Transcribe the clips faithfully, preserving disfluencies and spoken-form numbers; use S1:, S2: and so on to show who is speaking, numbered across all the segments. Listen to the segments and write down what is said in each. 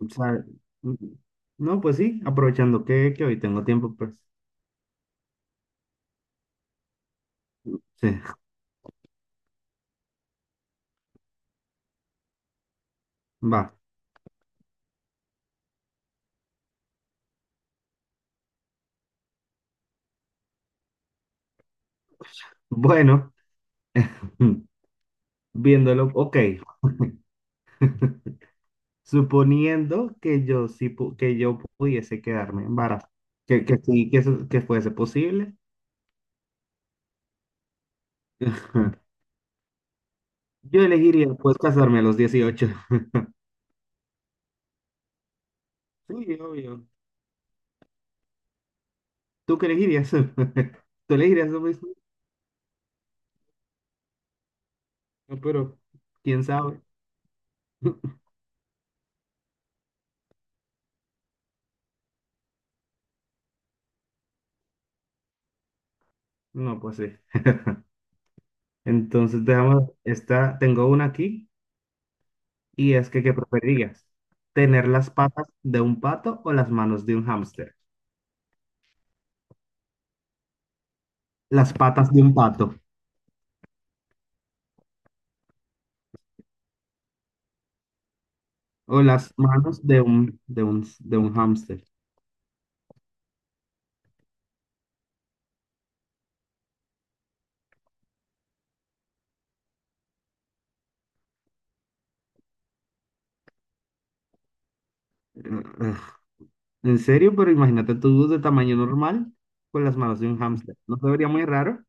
S1: O sea, mm, no, pues sí, aprovechando que, que hoy tengo tiempo, pues sí, va. Bueno, viéndolo, ok. Suponiendo que yo sí pu- que yo pudiese quedarme embarazada, que, que sí, que, eso- que fuese posible, yo elegiría pues casarme a los dieciocho. Sí, obvio. ¿Tú qué elegirías? ¿Tú elegirías lo mismo? No, pero quién sabe. No, pues sí. Entonces, dejamos esta, tengo una aquí. Y es que, ¿qué preferirías? ¿Tener las patas de un pato o las manos de un hámster? Las patas de un pato o las manos de un, de un, de un hámster. Ugh. ¿En serio? Pero imagínate tú de tamaño normal con las manos de un hámster. ¿No te vería muy raro?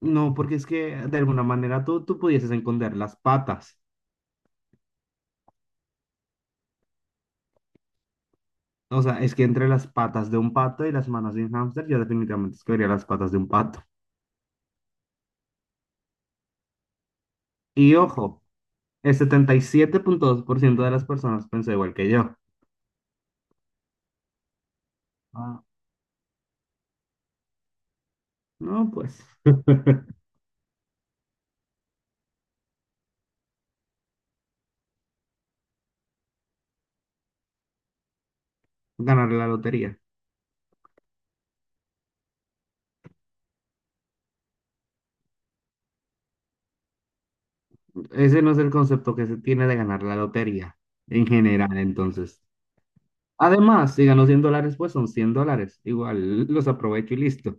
S1: No, porque es que de alguna manera tú, tú pudieses esconder las patas. O sea, es que entre las patas de un pato y las manos de un hámster, yo definitivamente escogería las patas de un pato. Y ojo, el setenta y siete punto dos por ciento de las personas pensó igual que yo. Ah, no, pues ganar la lotería. Ese no es el concepto que se tiene de ganar la lotería en general, entonces. Además, si gano cien dólares, pues son cien dólares. Igual los aprovecho y listo.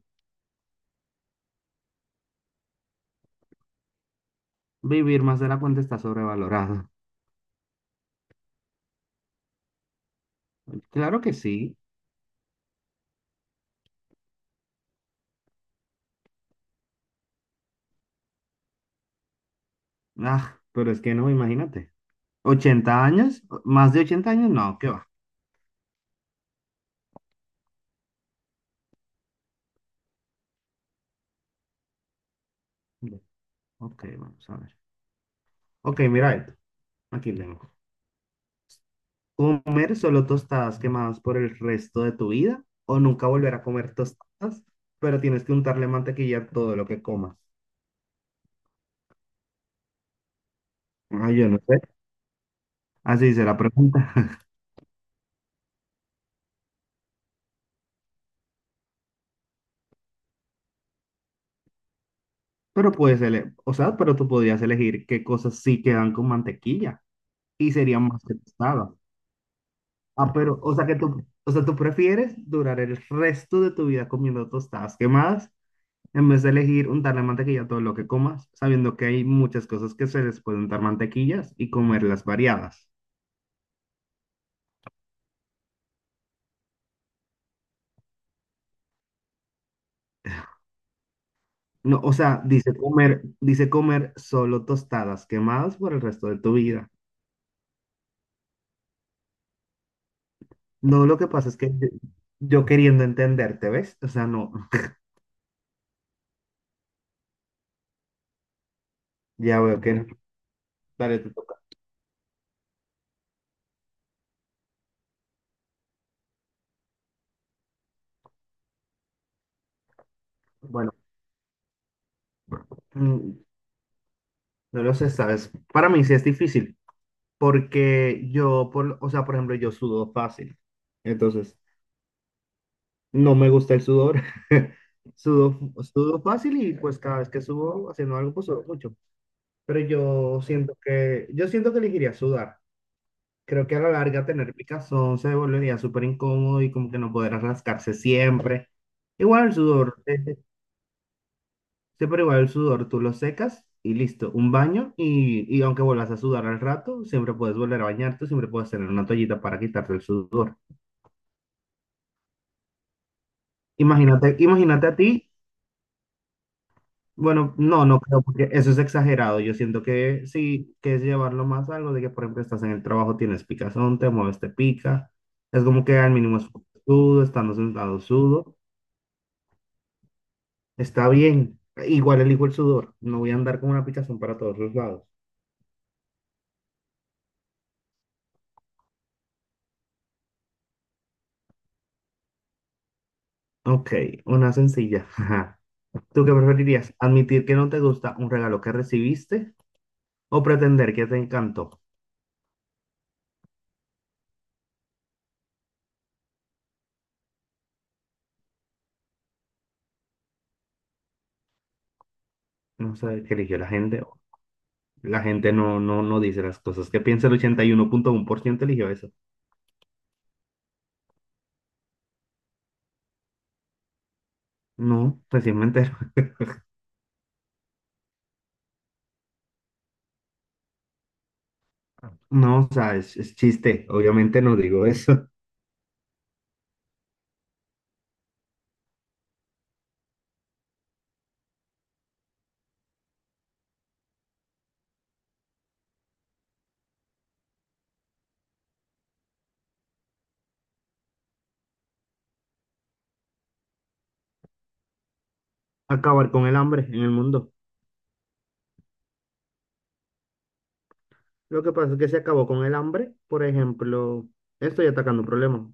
S1: Vivir más de la cuenta está sobrevalorado. Claro que sí. Ah, pero es que no, imagínate. ¿Ochenta años? ¿Más de ochenta años? No, ¿qué va? Ok, vamos a ver. Ok, mira esto. Aquí tengo. ¿Comer solo tostadas quemadas por el resto de tu vida? ¿O nunca volver a comer tostadas, pero tienes que untarle mantequilla a todo lo que comas? Ah, yo no sé. Así se la pregunta. Pero puedes ele- o sea, pero tú podrías elegir qué cosas sí quedan con mantequilla y serían más que tostadas. Ah, pero, o sea que tú, o sea, tú prefieres durar el resto de tu vida comiendo tostadas quemadas en vez de elegir untarle mantequilla a todo lo que comas, sabiendo que hay muchas cosas que se les puede untar mantequillas y comerlas variadas. No, o sea, dice comer, dice comer solo tostadas quemadas por el resto de tu vida. No, lo que pasa es que yo, yo queriendo entenderte, ¿ves? O sea, no, ya veo que no. Dale, te toca. Bueno, mm, no lo sé, ¿sabes? Para mí sí es difícil, porque yo, por, lo- o sea, por ejemplo, yo sudo fácil. Entonces, no me gusta el sudor. Sudo, sudo fácil y pues cada vez que subo haciendo algo, pues sudo mucho. Pero yo siento que, yo siento que elegiría sudar. Creo que a la larga tener picazón se volvería súper incómodo y como que no podrás rascarse siempre. Igual el sudor, eh, Siempre igual el sudor, tú lo secas y listo, un baño y, y aunque vuelvas a sudar al rato, siempre puedes volver a bañarte, siempre puedes tener una toallita para quitarte el sudor. Imagínate, imagínate a ti, bueno, no, no creo, porque eso es exagerado. Yo siento que sí, que es llevarlo más a algo de que, por ejemplo, estás en el trabajo, tienes picazón, te mueves, te pica. Es como que al mínimo es sudo, estando sentado sudo. Está bien. Igual elijo el sudor. No voy a andar con una picazón para todos los lados. Ok, una sencilla. Ajá. ¿Tú qué preferirías? ¿Admitir que no te gusta un regalo que recibiste o pretender que te encantó? No sé qué eligió la gente. La gente no, no, no dice las cosas que piensa. El ochenta y uno punto uno por ciento eligió eso. No, recién me entero. No, o sea, es, es chiste. Obviamente no digo eso. Acabar con el hambre en el mundo. Lo que pasa es que se acabó con el hambre. Por ejemplo, estoy atacando un problema.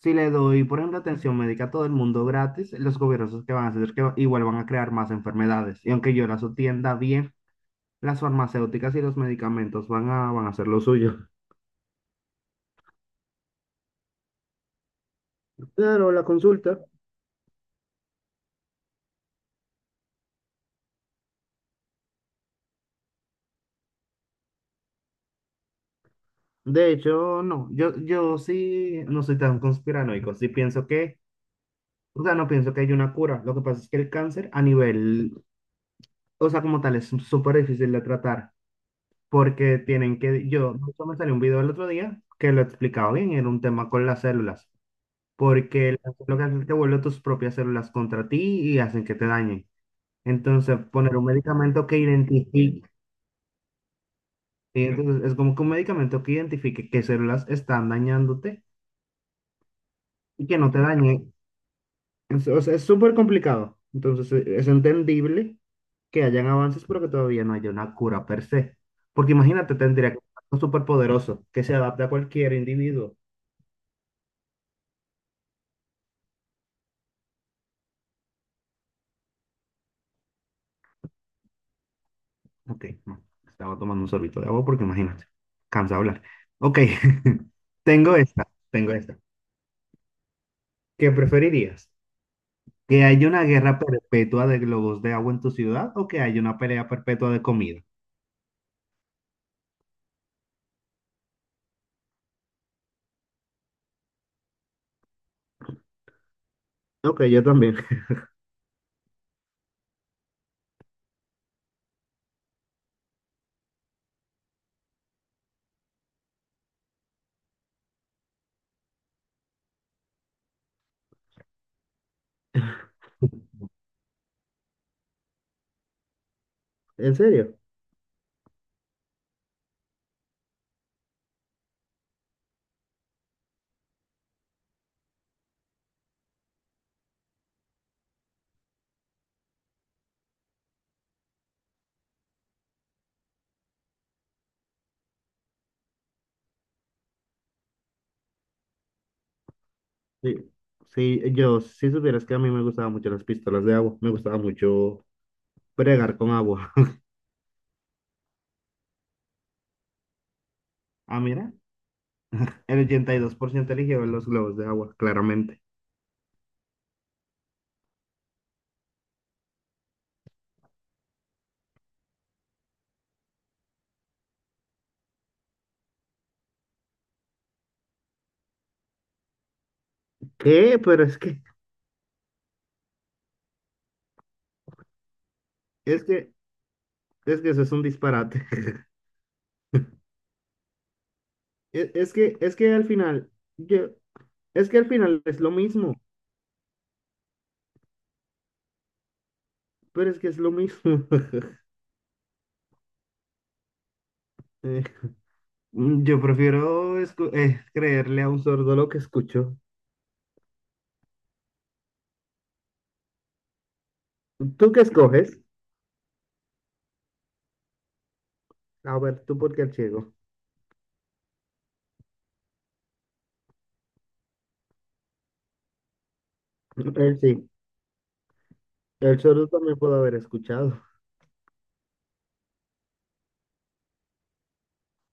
S1: Si le doy, por ejemplo, atención médica a todo el mundo gratis, los gobiernos que van a hacer es que igual van a crear más enfermedades. Y aunque yo las atienda bien, las farmacéuticas y los medicamentos van a, van a hacer lo suyo. Claro, la consulta. De hecho, no, yo, yo sí no soy tan conspiranoico, sí pienso que, o sea, no pienso que haya una cura. Lo que pasa es que el cáncer a nivel, o sea, como tal, es súper difícil de tratar porque tienen que, yo, de hecho, me salió un video el otro día que lo explicaba bien, era un tema con las células. Porque las células te vuelven tus propias células contra ti y hacen que te dañen. Entonces, poner un medicamento que identifique, y entonces es como que un medicamento que identifique qué células están dañándote y que no te dañen. Es- O sea, es súper complicado. Entonces, e- es entendible que hayan avances, pero que todavía no haya una cura per se. Porque imagínate, tendría que ser algo súper poderoso que se adapte a cualquier individuo. Ok, no, estaba tomando un sorbito de agua porque imagínate, cansa hablar. Ok, tengo esta, tengo esta. ¿Qué preferirías? ¿Que haya una guerra perpetua de globos de agua en tu ciudad o que haya una pelea perpetua de comida? Ok, yo también. ¿En serio? Sí. Sí, yo, si supieras que a mí me gustaban mucho las pistolas de agua, me gustaba mucho bregar con agua. Ah, mira, el ochenta y dos por ciento eligió los globos de agua, claramente. ¿Qué? Pero es que, es que, es que eso es un disparate. e- Es que, es que al final, yo, es que al final es lo mismo, pero es que es lo mismo. Eh, mm, yo prefiero escu- eh, creerle a un sordo lo que escucho. ¿Tú qué escoges? A ver, tú porque el ciego. Él sí, el sordo también puede haber escuchado.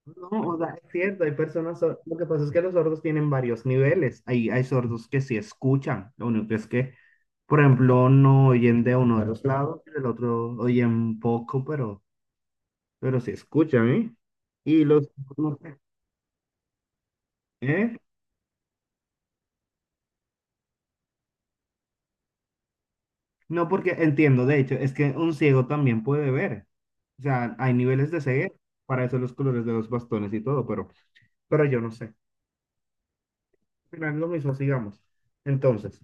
S1: No, o sea, es cierto, hay personas, sor- lo que pasa es que los sordos tienen varios niveles. Hay, hay sordos que sí escuchan, lo único es que, por ejemplo, no oyen de uno de los lados, del otro oyen poco, pero... pero sí, escúchame. Y los... ¿eh? No, porque entiendo, de hecho, es que un ciego también puede ver. O sea, hay niveles de ceguera, para eso los colores de los bastones y todo, pero, pero, yo no sé. Al final, lo mismo, sigamos. Entonces,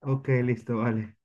S1: ok, listo, vale.